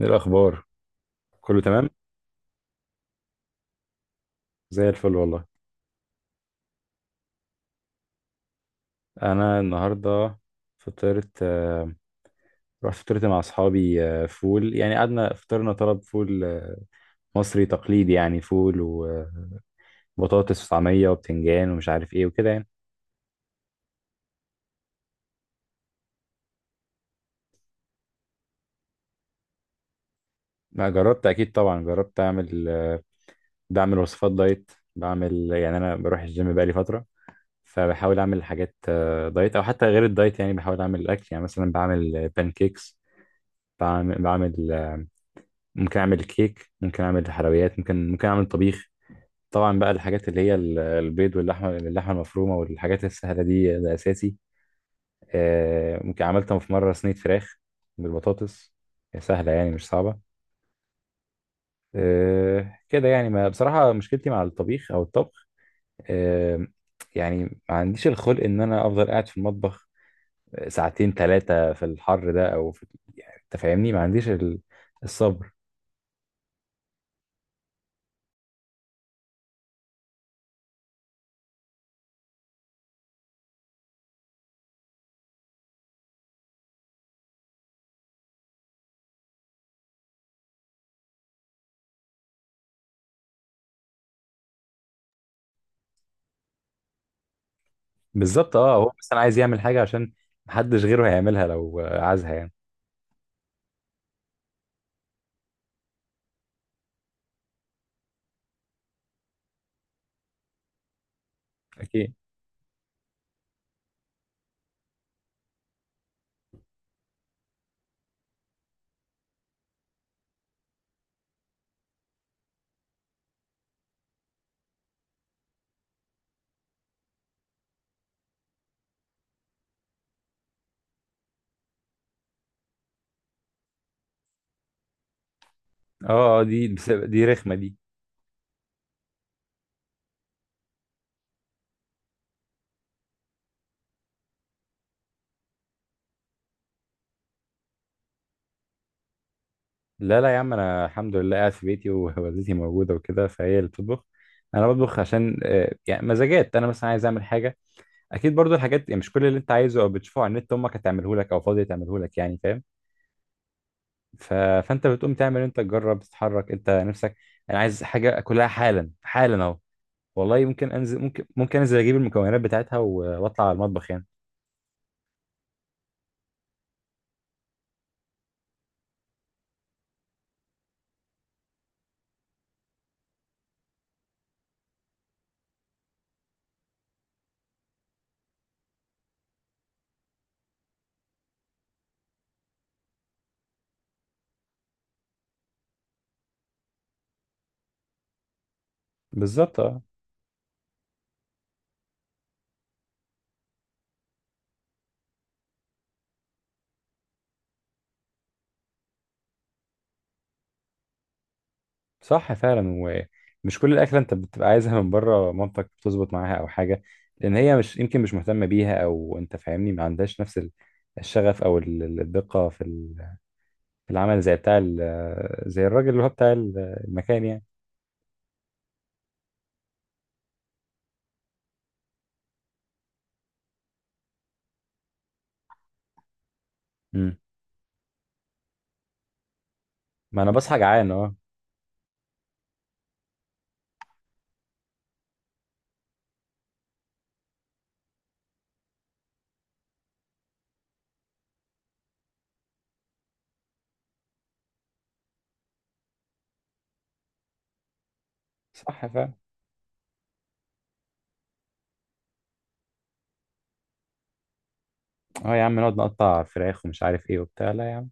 ايه الاخبار؟ كله تمام. زي الفل والله. انا النهارده فطرت، رحت فطرت مع اصحابي، فول يعني. قعدنا فطرنا، طلب فول، مصري تقليدي، يعني فول وبطاطس وطعميه وبتنجان ومش عارف ايه وكده يعني. ما جربت، اكيد طبعا جربت اعمل، بعمل وصفات دايت. بعمل يعني، انا بروح الجيم بقالي فتره، فبحاول اعمل حاجات دايت او حتى غير الدايت يعني. بحاول اعمل الاكل يعني، مثلا بعمل بانكيكس، بعمل، ممكن اعمل كيك، ممكن اعمل حلويات، ممكن اعمل طبيخ. طبعا بقى الحاجات اللي هي البيض واللحمه المفرومه والحاجات السهله دي، ده اساسي. ممكن عملتها في مره، صينيه فراخ بالبطاطس. هي سهله يعني، مش صعبه. كده يعني، ما بصراحه مشكلتي مع الطبيخ او الطبخ. آه، يعني ما عنديش الخلق ان انا افضل قاعد في المطبخ ساعتين ثلاثه في الحر ده او في. أنت فاهمني، ما عنديش الصبر. بالظبط اه. هو مثلا عايز يعمل حاجه عشان محدش غيره هيعملها لو عايزها يعني. اكيد. دي رخمه دي. لا لا يا عم، انا الحمد لله قاعد في بيتي ووالدتي موجوده وكده، فهي اللي بتطبخ. انا بطبخ عشان، يعني مزاجات. انا مثلا عايز اعمل حاجه. اكيد برضو، الحاجات يعني مش كل اللي انت عايزه او بتشوفه على النت امك هتعمله لك او فاضيه تعمله لك، يعني فاهم. ف... فانت بتقوم تعمل انت، تجرب، تتحرك انت نفسك. انا عايز حاجه اكلها حالا حالا اهو. والله ممكن انزل، ممكن انزل اجيب المكونات بتاعتها واطلع على المطبخ يعني. بالظبط اه. صح فعلا. ومش كل الاكله انت بتبقى عايزها من بره مامتك بتظبط معاها او حاجه، لان هي مش يمكن مش مهتمه بيها، او انت فاهمني، ما عندهاش نفس الشغف، او الدقه في في العمل، زي بتاع زي الراجل اللي هو بتاع المكان يعني. امم. ما انا بصحى جعان اه. صح فعلا. اه يا عم، نقعد نقطع فراخ ومش عارف ايه وبتاع، لا يا عم.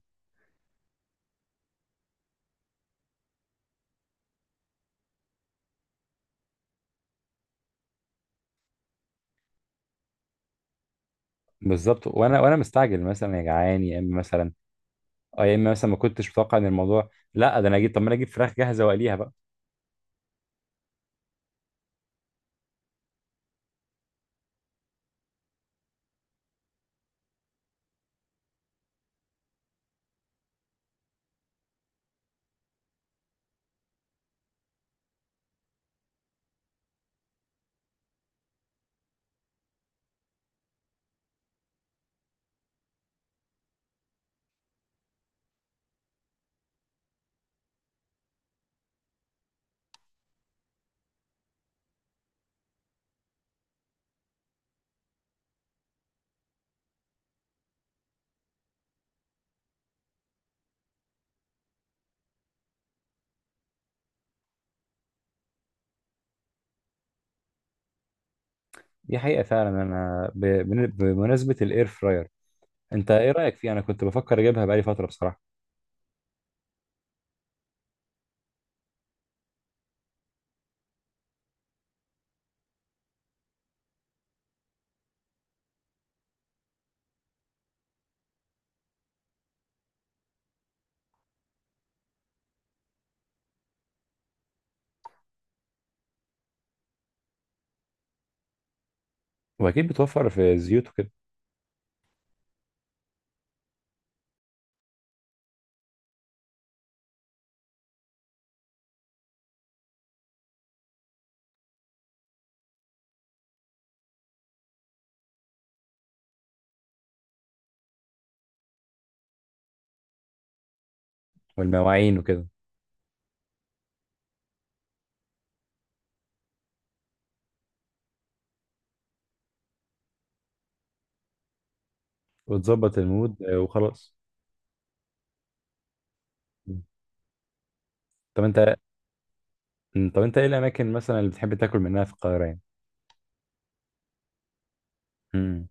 بالظبط. وانا مستعجل مثلا، يا جعان يا اما مثلا. اه، يا اما مثلا ما كنتش متوقع ان الموضوع، لا ده انا اجيب، طب ما انا اجيب فراخ جاهزه واقليها بقى. دي حقيقة فعلا. أنا بمناسبة الإير فراير، أنت إيه رأيك فيه؟ أنا كنت بفكر أجيبها بقالي فترة بصراحة. وأكيد بتوفر في الزيوت وكده والمواعين وكده، وتظبط المود، وخلاص. مم. طب أنت طب أنت إيه الأماكن مثلا اللي بتحب تاكل منها في القاهرة يعني؟ مم.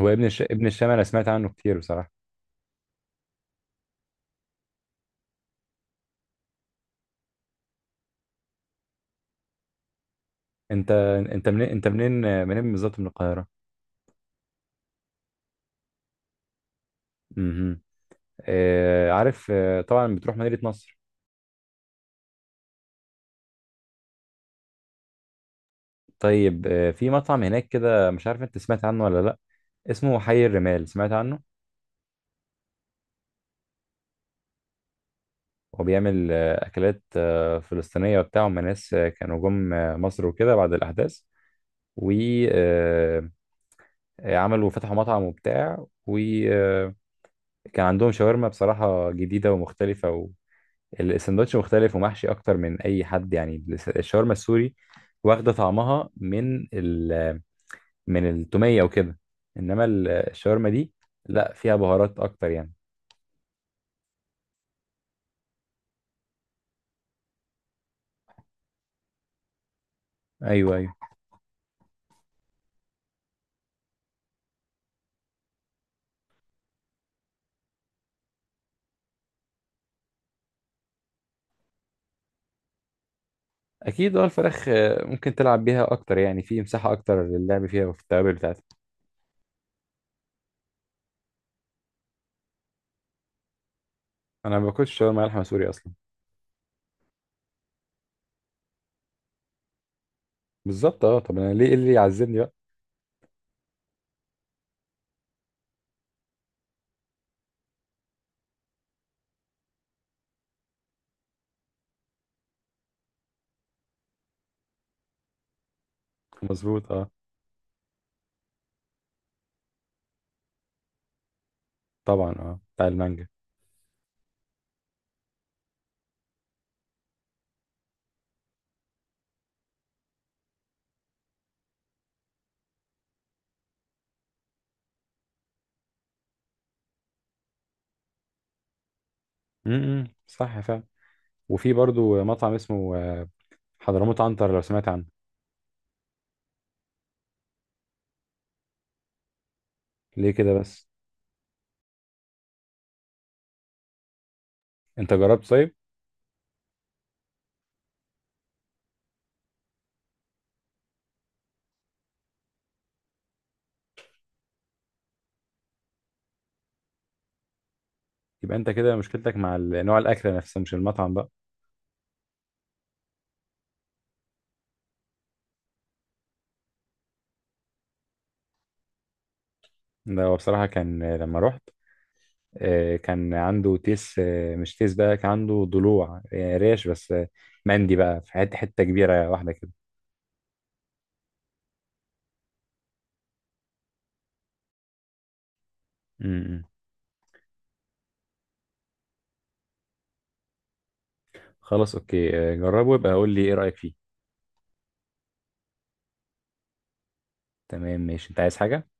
هو ابن الشام، أنا سمعت عنه كتير بصراحة. أنت أنت منين بالظبط من القاهرة؟ مم. عارف، طبعا بتروح مدينة نصر. طيب، في مطعم هناك كده، مش عارف أنت سمعت عنه ولا لأ. اسمه حي الرمال، سمعت عنه؟ وبيعمل أكلات فلسطينية وبتاع. هم ناس كانوا جم مصر وكده بعد الأحداث. وعملوا، فتحوا مطعم وبتاع، وكان عندهم شاورما بصراحة جديدة ومختلفة، والسندوتش مختلف ومحشي أكتر من أي حد. يعني الشاورما السوري واخدة طعمها من ال من التومية وكده. إنما الشاورما دي، لا، فيها بهارات أكتر يعني. أيوه أيوه. اكيد اه، الفراخ ممكن تلعب بيها اكتر يعني، في مساحه اكتر للعب فيها وفي التوابل بتاعتها. انا ما باكلش شاورما لحمه سوري اصلا. بالظبط اه. طب انا ليه، إيه اللي يعذبني بقى. مظبوط اه. طبعا اه، بتاع المانجا. امم، صح فعلا. وفي برضو مطعم اسمه، حضرموت عنتر، لو سمعت عنه. ليه كده بس؟ انت جربت طيب. يبقى انت كده مشكلتك مع نوع الاكل نفسه، مش المطعم بقى. ده هو بصراحه كان، لما رحت، كان عنده تيس، مش تيس بقى، كان عنده ضلوع، ريش بس، مندي بقى في حتة كبيرة واحدة كده. م- م. خلاص اوكي. جربه يبقى قول لي ايه رأيك فيه. تمام ماشي. انت عايز حاجة؟